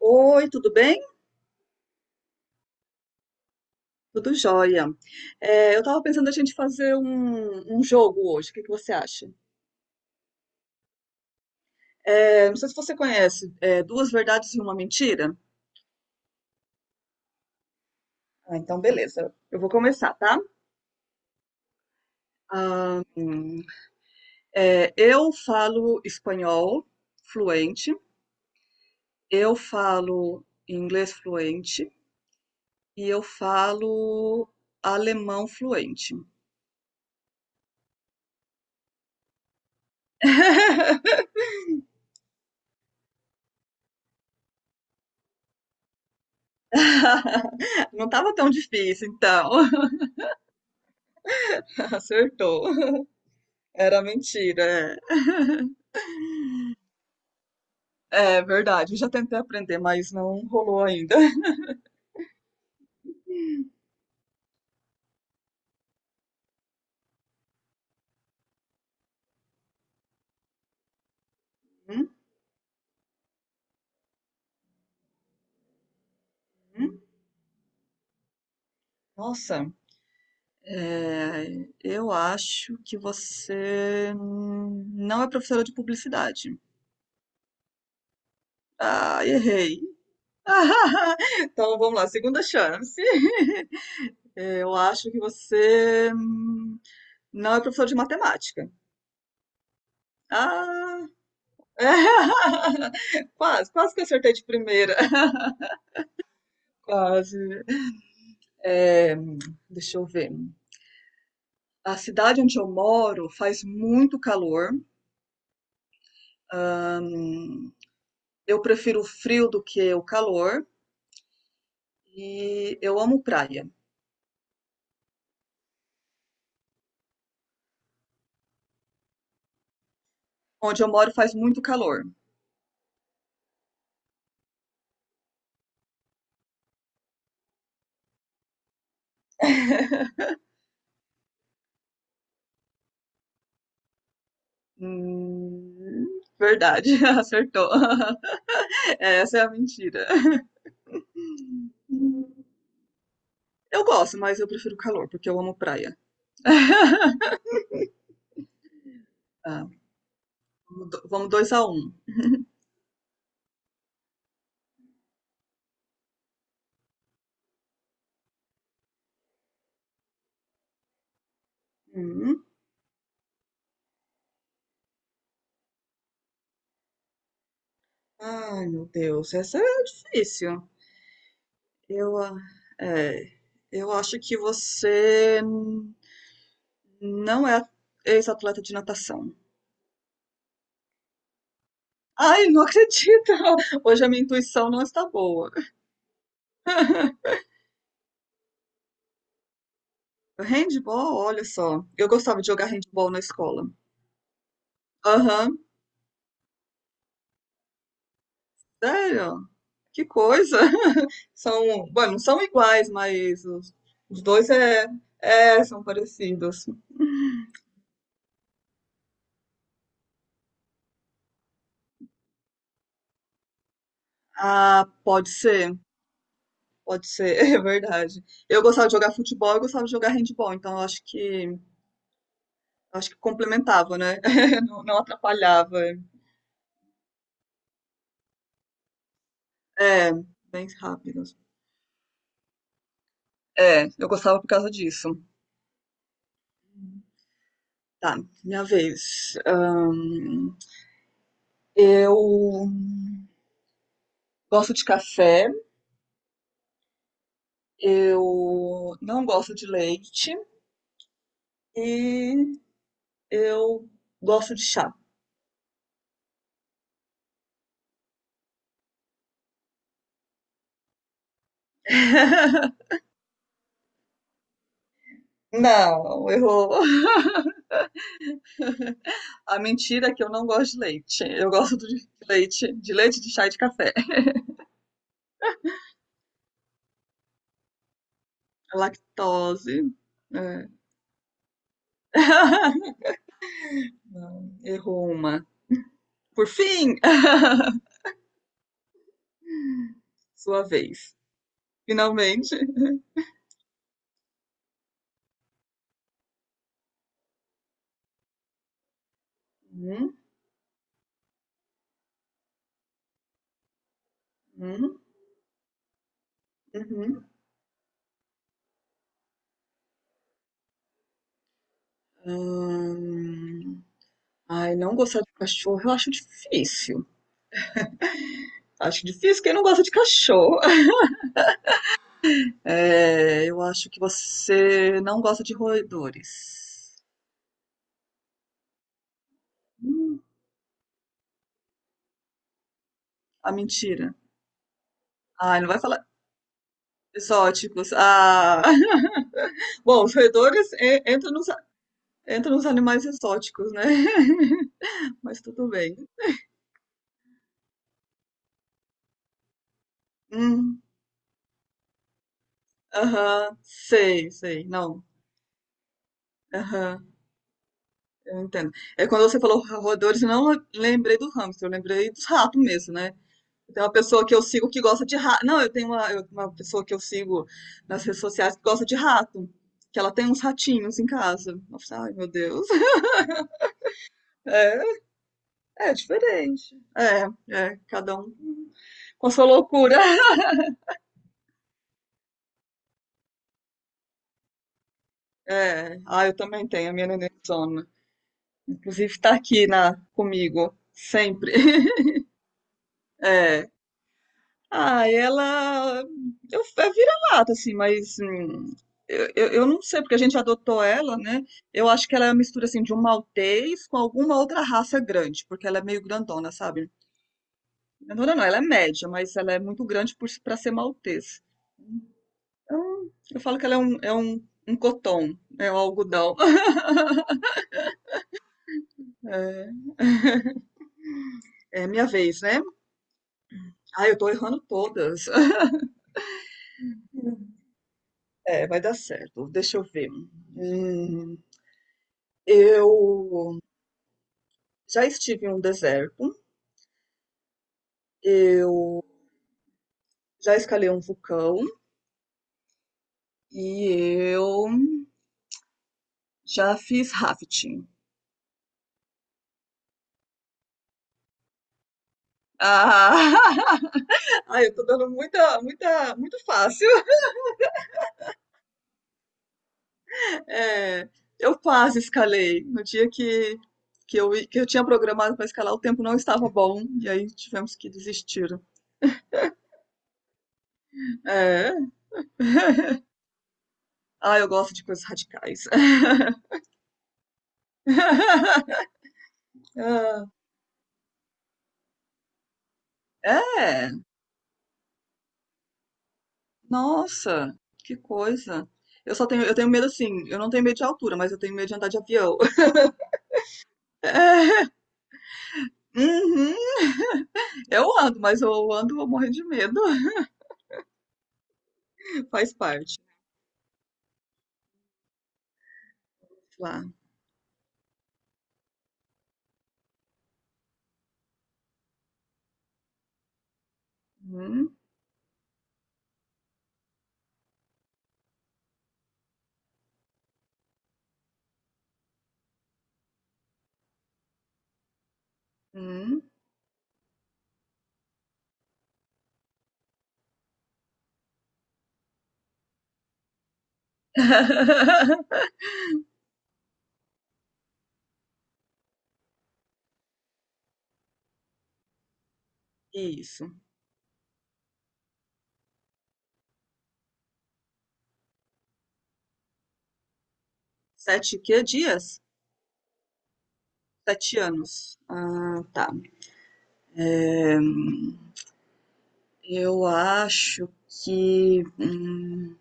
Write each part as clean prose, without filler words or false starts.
Oi, tudo bem? Tudo jóia. É, eu estava pensando a gente fazer um jogo hoje. O que que você acha? É, não sei se você conhece, é, Duas Verdades e uma Mentira. Ah, então, beleza. Eu vou começar, tá? Ah, é, eu falo espanhol fluente, eu falo inglês fluente e eu falo alemão fluente. Não estava tão difícil, então. Acertou. Era mentira, é. É verdade. Eu já tentei aprender, mas não rolou ainda. Uhum. Nossa, é, eu acho que você não é professora de publicidade. Ah, errei. Então vamos lá, segunda chance. Eu acho que você não é professora de matemática. Ah, quase, quase que acertei de primeira. Quase. É, deixa eu ver. A cidade onde eu moro faz muito calor. Eu prefiro o frio do que o calor e eu amo praia. Onde eu moro faz muito calor. Verdade, acertou. Essa é a mentira. Eu gosto, mas eu prefiro calor, porque eu amo praia. Tá, vamos 2-1. Hum. Ai, meu Deus, essa é difícil. Eu, ah, é, eu acho que você não é ex-atleta de natação. Ai, não acredito! Hoje a minha intuição não está boa. Handball, olha só. Eu gostava de jogar handball na escola. Aham, sério? Que coisa! São, bom, não são iguais, mas os dois são parecidos. Ah, pode ser, é verdade. Eu gostava de jogar futebol, eu gostava de jogar handball, então eu acho que complementava, né? Não, não atrapalhava. É, bem rápidos. É, eu gostava por causa disso. Tá, minha vez. Ahn, eu gosto de café, eu não gosto de leite e eu gosto de chá. Não, errou. A mentira é que eu não gosto de leite. Eu gosto de leite, de chá e de café. Lactose. É, não, errou uma. Por fim, sua vez. Finalmente. Uhum, uhum, uhum. Ahn, Ai, não gostar de cachorro eu acho difícil. Acho difícil quem não gosta de cachorro. É, eu acho que você não gosta de roedores. Hum, a mentira. Ai, não vai falar exóticos. Ah, bom, os roedores entram nos animais exóticos, né? Mas tudo bem. Hum. Aham, sei, sei. Não. Aham. Eu entendo. É quando você falou roedores, eu não lembrei do hamster, eu lembrei dos ratos mesmo, né? Tem uma pessoa que eu sigo que gosta de rato. Não, eu tenho uma, eu- uma pessoa que eu sigo nas redes sociais que gosta de rato. Que ela tem uns ratinhos em casa. Eu falei, ai, meu Deus. É, é diferente. É, é, cada um com sua loucura. É, ah, eu também tenho a minha neném. Inclusive tá aqui comigo, sempre. É. Ah, ela é vira-lata, assim, mas eu não sei, porque a gente adotou ela, né? Eu acho que ela é uma mistura, assim, de um maltês com alguma outra raça grande, porque ela é meio grandona, sabe? Grandona não, ela é média, mas ela é muito grande para ser maltês. Então, eu falo que ela é um coton, é um algodão. É, é minha vez, né? Ah, eu tô errando todas. É, vai dar certo. Deixa eu ver. Hum, eu já estive em um deserto. Eu já escalei um vulcão e eu já fiz rafting. Ah, ai, eu tô dando muito fácil. É, eu quase escalei. No dia que eu tinha programado para escalar, o tempo não estava bom e aí tivemos que desistir. É, ah, eu gosto de coisas radicais. Ah, é, nossa, que coisa. Eu tenho medo assim, eu não tenho medo de altura, mas eu tenho medo de andar de avião. É, uhum. Eu ando, mas eu ando, vou morrer de medo. Faz parte. Lá. Hum, hum. Isso. Sete, que dias? 7 anos. Ah, tá. Eu acho que, hum,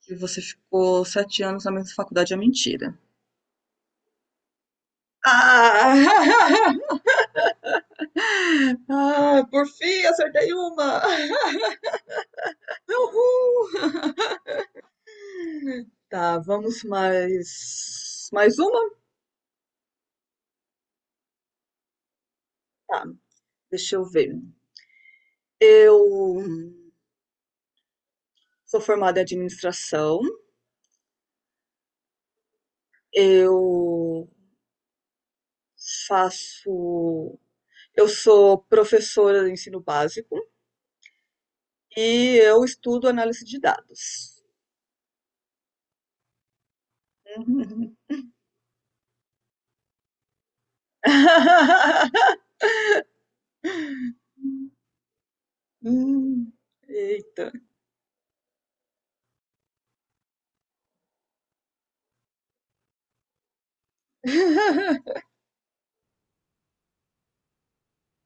que você ficou 7 anos na mesma faculdade é mentira. Ah! Ah, por fim, acertei uma! Uhul! Tá, vamos mais. Mais uma? Tá, deixa eu ver. Eu sou formada em administração, eu faço. Eu sou professora de ensino básico e eu estudo análise de dados. Hum. Eita.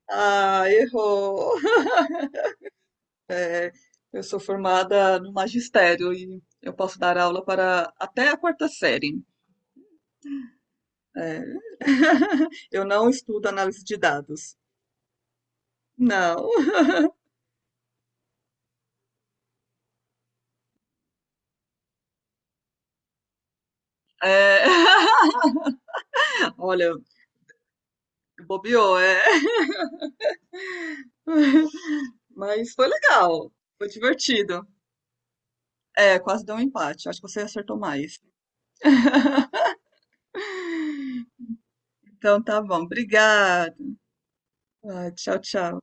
Ah, errou. Eu sou formada no magistério e eu posso dar aula para até a quarta série. É. Eu não estudo análise de dados. Não. É. Olha, bobeou, é. Mas foi legal, foi divertido. É, quase deu um empate. Acho que você acertou mais. Então tá bom, obrigada. Ah, tchau, tchau.